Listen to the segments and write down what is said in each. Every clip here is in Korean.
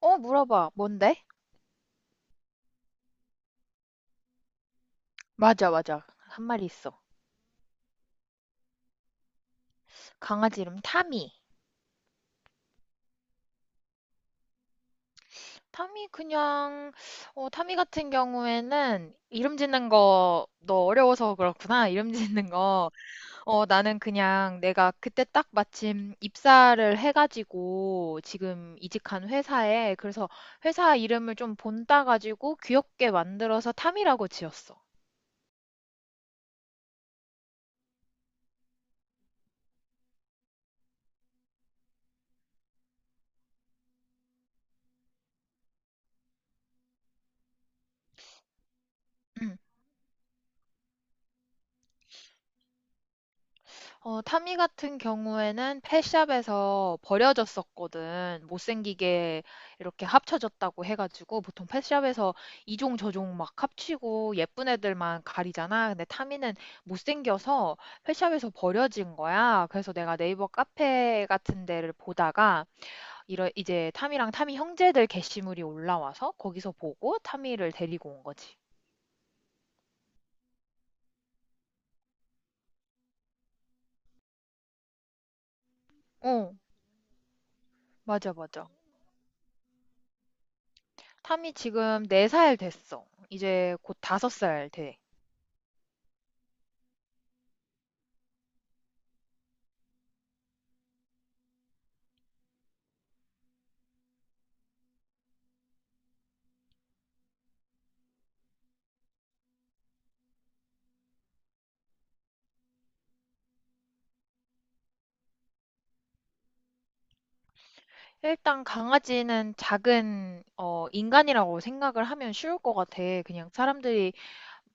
물어봐. 뭔데? 맞아, 맞아. 한 마리 있어. 강아지 이름 타미. 타미 그냥 타미 같은 경우에는 이름 짓는 거 너 어려워서 그렇구나. 이름 짓는 거. 나는 그냥 내가 그때 딱 마침 입사를 해가지고 지금 이직한 회사에, 그래서 회사 이름을 좀 본따 가지고 귀엽게 만들어서 타미라고 지었어. 응. 타미 같은 경우에는 펫샵에서 버려졌었거든. 못생기게 이렇게 합쳐졌다고 해가지고. 보통 펫샵에서 이종 저종 막 합치고 예쁜 애들만 가리잖아. 근데 타미는 못생겨서 펫샵에서 버려진 거야. 그래서 내가 네이버 카페 같은 데를 보다가 이제 타미랑 타미 형제들 게시물이 올라와서 거기서 보고 타미를 데리고 온 거지. 어, 맞아, 맞아. 타미 지금 4살 됐어. 이제 곧 5살 돼. 일단 강아지는 작은 인간이라고 생각을 하면 쉬울 것 같아. 그냥 사람들이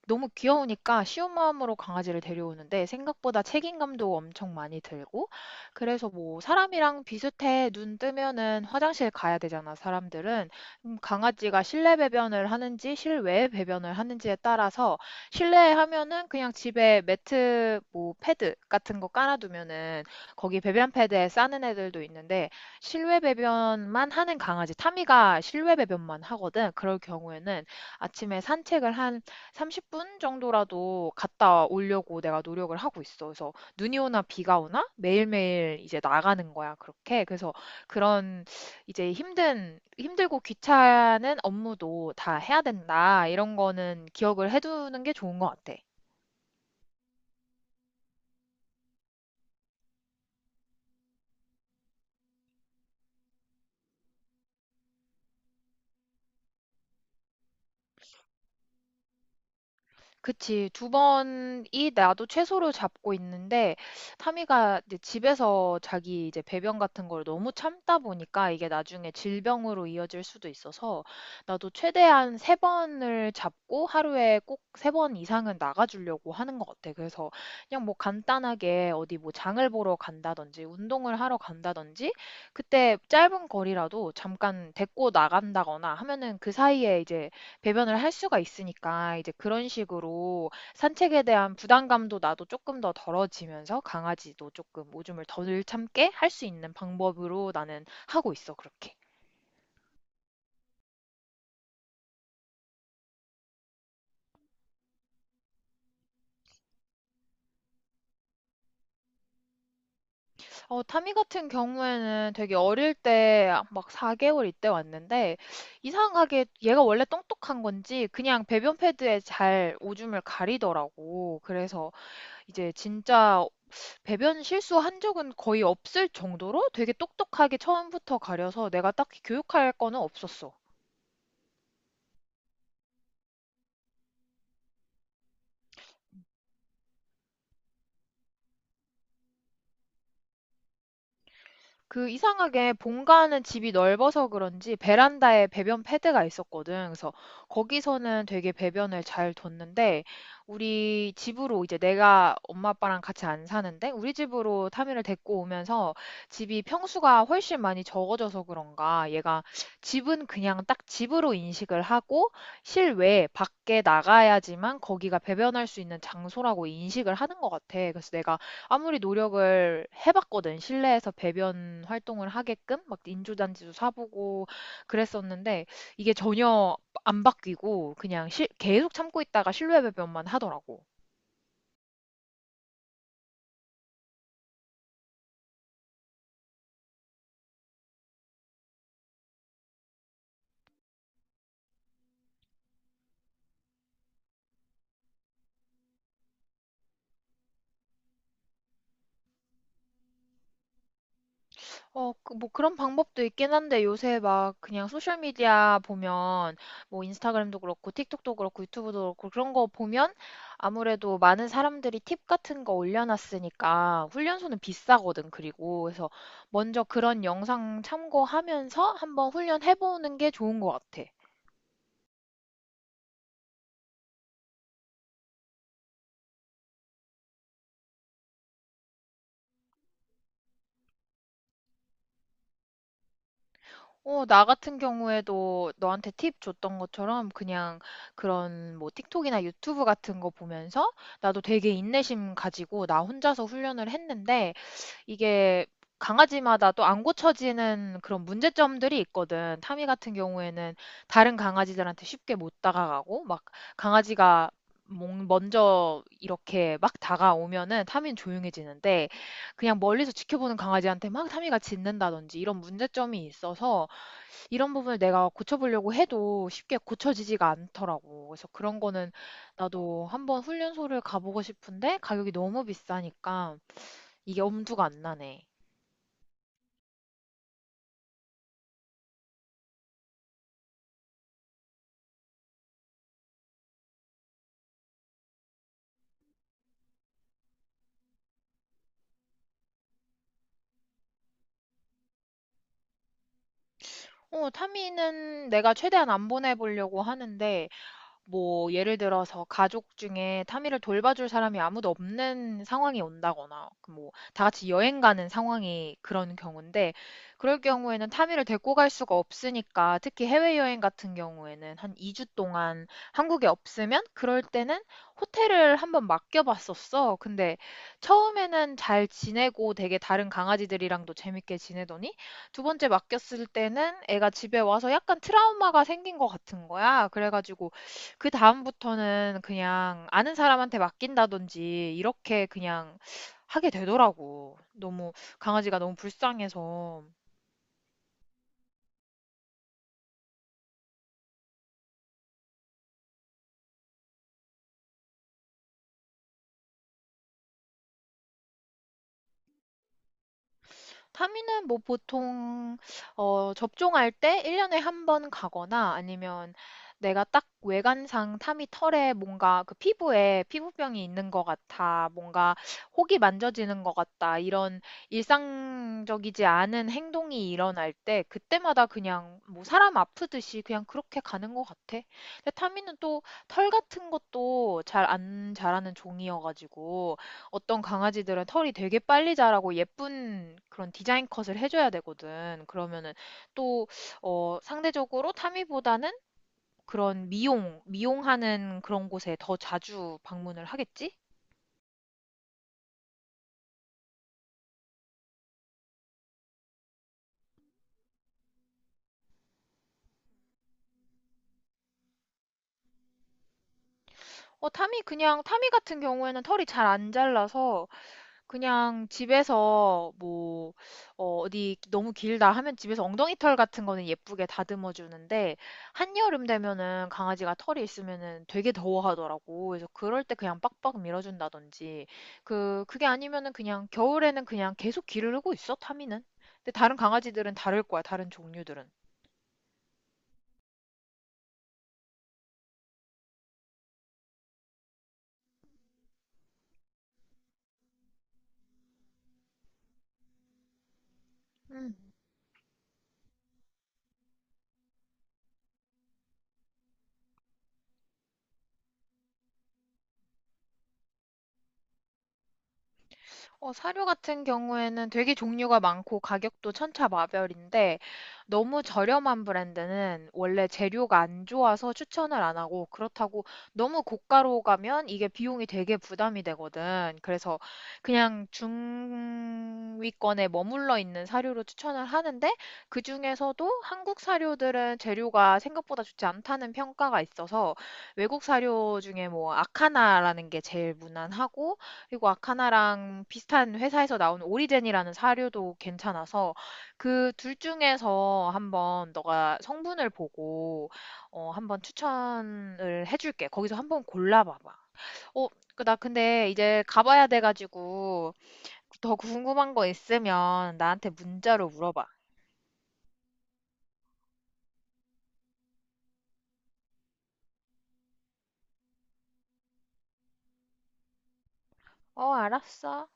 너무 귀여우니까 쉬운 마음으로 강아지를 데려오는데, 생각보다 책임감도 엄청 많이 들고. 그래서 뭐 사람이랑 비슷해. 눈 뜨면은 화장실 가야 되잖아, 사람들은. 강아지가 실내 배변을 하는지 실외 배변을 하는지에 따라서 실내에 하면은 그냥 집에 매트 뭐 패드 같은 거 깔아두면은 거기 배변 패드에 싸는 애들도 있는데, 실외 배변만 하는 강아지, 타미가 실외 배변만 하거든. 그럴 경우에는 아침에 산책을 한 30분 정도라도 갔다 오려고 내가 노력을 하고 있어. 그래서 눈이 오나 비가 오나 매일매일 이제 나가는 거야, 그렇게. 그래서 그런 이제 힘들고 귀찮은 업무도 다 해야 된다. 이런 거는 기억을 해두는 게 좋은 것 같아. 그치. 2 번이 나도 최소로 잡고 있는데, 타미가 이제 집에서 자기 이제 배변 같은 걸 너무 참다 보니까 이게 나중에 질병으로 이어질 수도 있어서 나도 최대한 3 번을 잡고 하루에 꼭 3번 이상은 나가 주려고 하는 것 같아. 그래서 그냥 뭐 간단하게 어디 뭐 장을 보러 간다든지 운동을 하러 간다든지 그때 짧은 거리라도 잠깐 데리고 나간다거나 하면은 그 사이에 이제 배변을 할 수가 있으니까, 이제 그런 식으로 산책에 대한 부담감도 나도 조금 더 덜어지면서 강아지도 조금 오줌을 덜 참게 할 수 있는 방법으로 나는 하고 있어, 그렇게. 타미 같은 경우에는 되게 어릴 때 막 4 개월, 이때 왔는데 이상하게 얘가 원래 똑똑한 건지 그냥 배변 패드에 잘 오줌을 가리더라고. 그래서 이제 진짜 배변 실수한 적은 거의 없을 정도로 되게 똑똑하게 처음부터 가려서 내가 딱히 교육할 거는 없었어. 그 이상하게 본가는 집이 넓어서 그런지 베란다에 배변 패드가 있었거든. 그래서 거기서는 되게 배변을 잘 뒀는데, 우리 집으로 이제, 내가 엄마 아빠랑 같이 안 사는데, 우리 집으로 타미를 데리고 오면서 집이 평수가 훨씬 많이 적어져서 그런가 얘가 집은 그냥 딱 집으로 인식을 하고 실외 밖에 나가야지만 거기가 배변할 수 있는 장소라고 인식을 하는 것 같아. 그래서 내가 아무리 노력을 해봤거든. 실내에서 배변 활동을 하게끔 막 인조잔지도 사보고 그랬었는데 이게 전혀 안 바뀌고 계속 참고 있다가 실외 배변만 하더라고. 어, 뭐 그런 방법도 있긴 한데 요새 막 그냥 소셜미디어 보면 뭐 인스타그램도 그렇고 틱톡도 그렇고 유튜브도 그렇고, 그런 거 보면 아무래도 많은 사람들이 팁 같은 거 올려놨으니까. 훈련소는 비싸거든. 그리고 그래서 먼저 그런 영상 참고하면서 한번 훈련해보는 게 좋은 것 같아. 나 같은 경우에도 너한테 팁 줬던 것처럼 그냥 그런 뭐 틱톡이나 유튜브 같은 거 보면서 나도 되게 인내심 가지고 나 혼자서 훈련을 했는데, 이게 강아지마다 또 안 고쳐지는 그런 문제점들이 있거든. 타미 같은 경우에는 다른 강아지들한테 쉽게 못 다가가고, 막 강아지가 먼저 이렇게 막 다가오면은 타미는 조용해지는데, 그냥 멀리서 지켜보는 강아지한테 막 타미가 짖는다든지 이런 문제점이 있어서 이런 부분을 내가 고쳐보려고 해도 쉽게 고쳐지지가 않더라고. 그래서 그런 거는 나도 한번 훈련소를 가보고 싶은데 가격이 너무 비싸니까 이게 엄두가 안 나네. 어, 타미는 내가 최대한 안 보내보려고 하는데, 뭐 예를 들어서 가족 중에 타미를 돌봐줄 사람이 아무도 없는 상황이 온다거나 그 뭐 다 같이 여행 가는 상황이 그런 경우인데, 그럴 경우에는 타미를 데리고 갈 수가 없으니까. 특히 해외여행 같은 경우에는 한 2주 동안 한국에 없으면 그럴 때는 호텔을 한번 맡겨봤었어. 근데 처음에는 잘 지내고 되게 다른 강아지들이랑도 재밌게 지내더니 두 번째 맡겼을 때는 애가 집에 와서 약간 트라우마가 생긴 것 같은 거야. 그래가지고 그다음부터는 그냥 아는 사람한테 맡긴다든지 이렇게 그냥 하게 되더라고. 너무 강아지가 너무 불쌍해서. 타미는 뭐 보통 접종할 때 1년에 한 번 가거나, 아니면 내가 딱 외관상 타미 털에 뭔가 그 피부에 피부병이 있는 것 같아, 뭔가 혹이 만져지는 것 같다, 이런 일상적이지 않은 행동이 일어날 때 그때마다 그냥 뭐 사람 아프듯이 그냥 그렇게 가는 것 같아. 근데 타미는 또 털 같은 것도 잘 안 자라는 종이어가지고, 어떤 강아지들은 털이 되게 빨리 자라고 예쁜 그런 디자인 컷을 해줘야 되거든. 그러면은 또, 상대적으로 타미보다는 그런 미용하는 그런 곳에 더 자주 방문을 하겠지? 타미 같은 경우에는 털이 잘 안 잘라서 그냥 집에서 어디 너무 길다 하면 집에서 엉덩이 털 같은 거는 예쁘게 다듬어 주는데, 한여름 되면은 강아지가 털이 있으면은 되게 더워하더라고. 그래서 그럴 때 그냥 빡빡 밀어준다든지, 그게 아니면은 그냥 겨울에는 그냥 계속 기르고 있어, 타미는. 근데 다른 강아지들은 다를 거야, 다른 종류들은. 음. 사료 같은 경우에는 되게 종류가 많고 가격도 천차만별인데 너무 저렴한 브랜드는 원래 재료가 안 좋아서 추천을 안 하고, 그렇다고 너무 고가로 가면 이게 비용이 되게 부담이 되거든. 그래서 그냥 중위권에 머물러 있는 사료로 추천을 하는데, 그중에서도 한국 사료들은 재료가 생각보다 좋지 않다는 평가가 있어서 외국 사료 중에 뭐 아카나라는 게 제일 무난하고, 그리고 아카나랑 비슷한 회사에서 나온 오리젠이라는 사료도 괜찮아서 그 둘 중에서 한번 너가 성분을 보고 한번 추천을 해줄게. 거기서 한번 골라봐봐. 어, 나 근데 이제 가봐야 돼가지고. 더 궁금한 거 있으면 나한테 문자로 물어봐. 어, 알았어.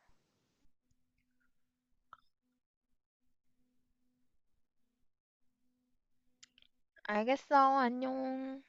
알겠어. 안녕.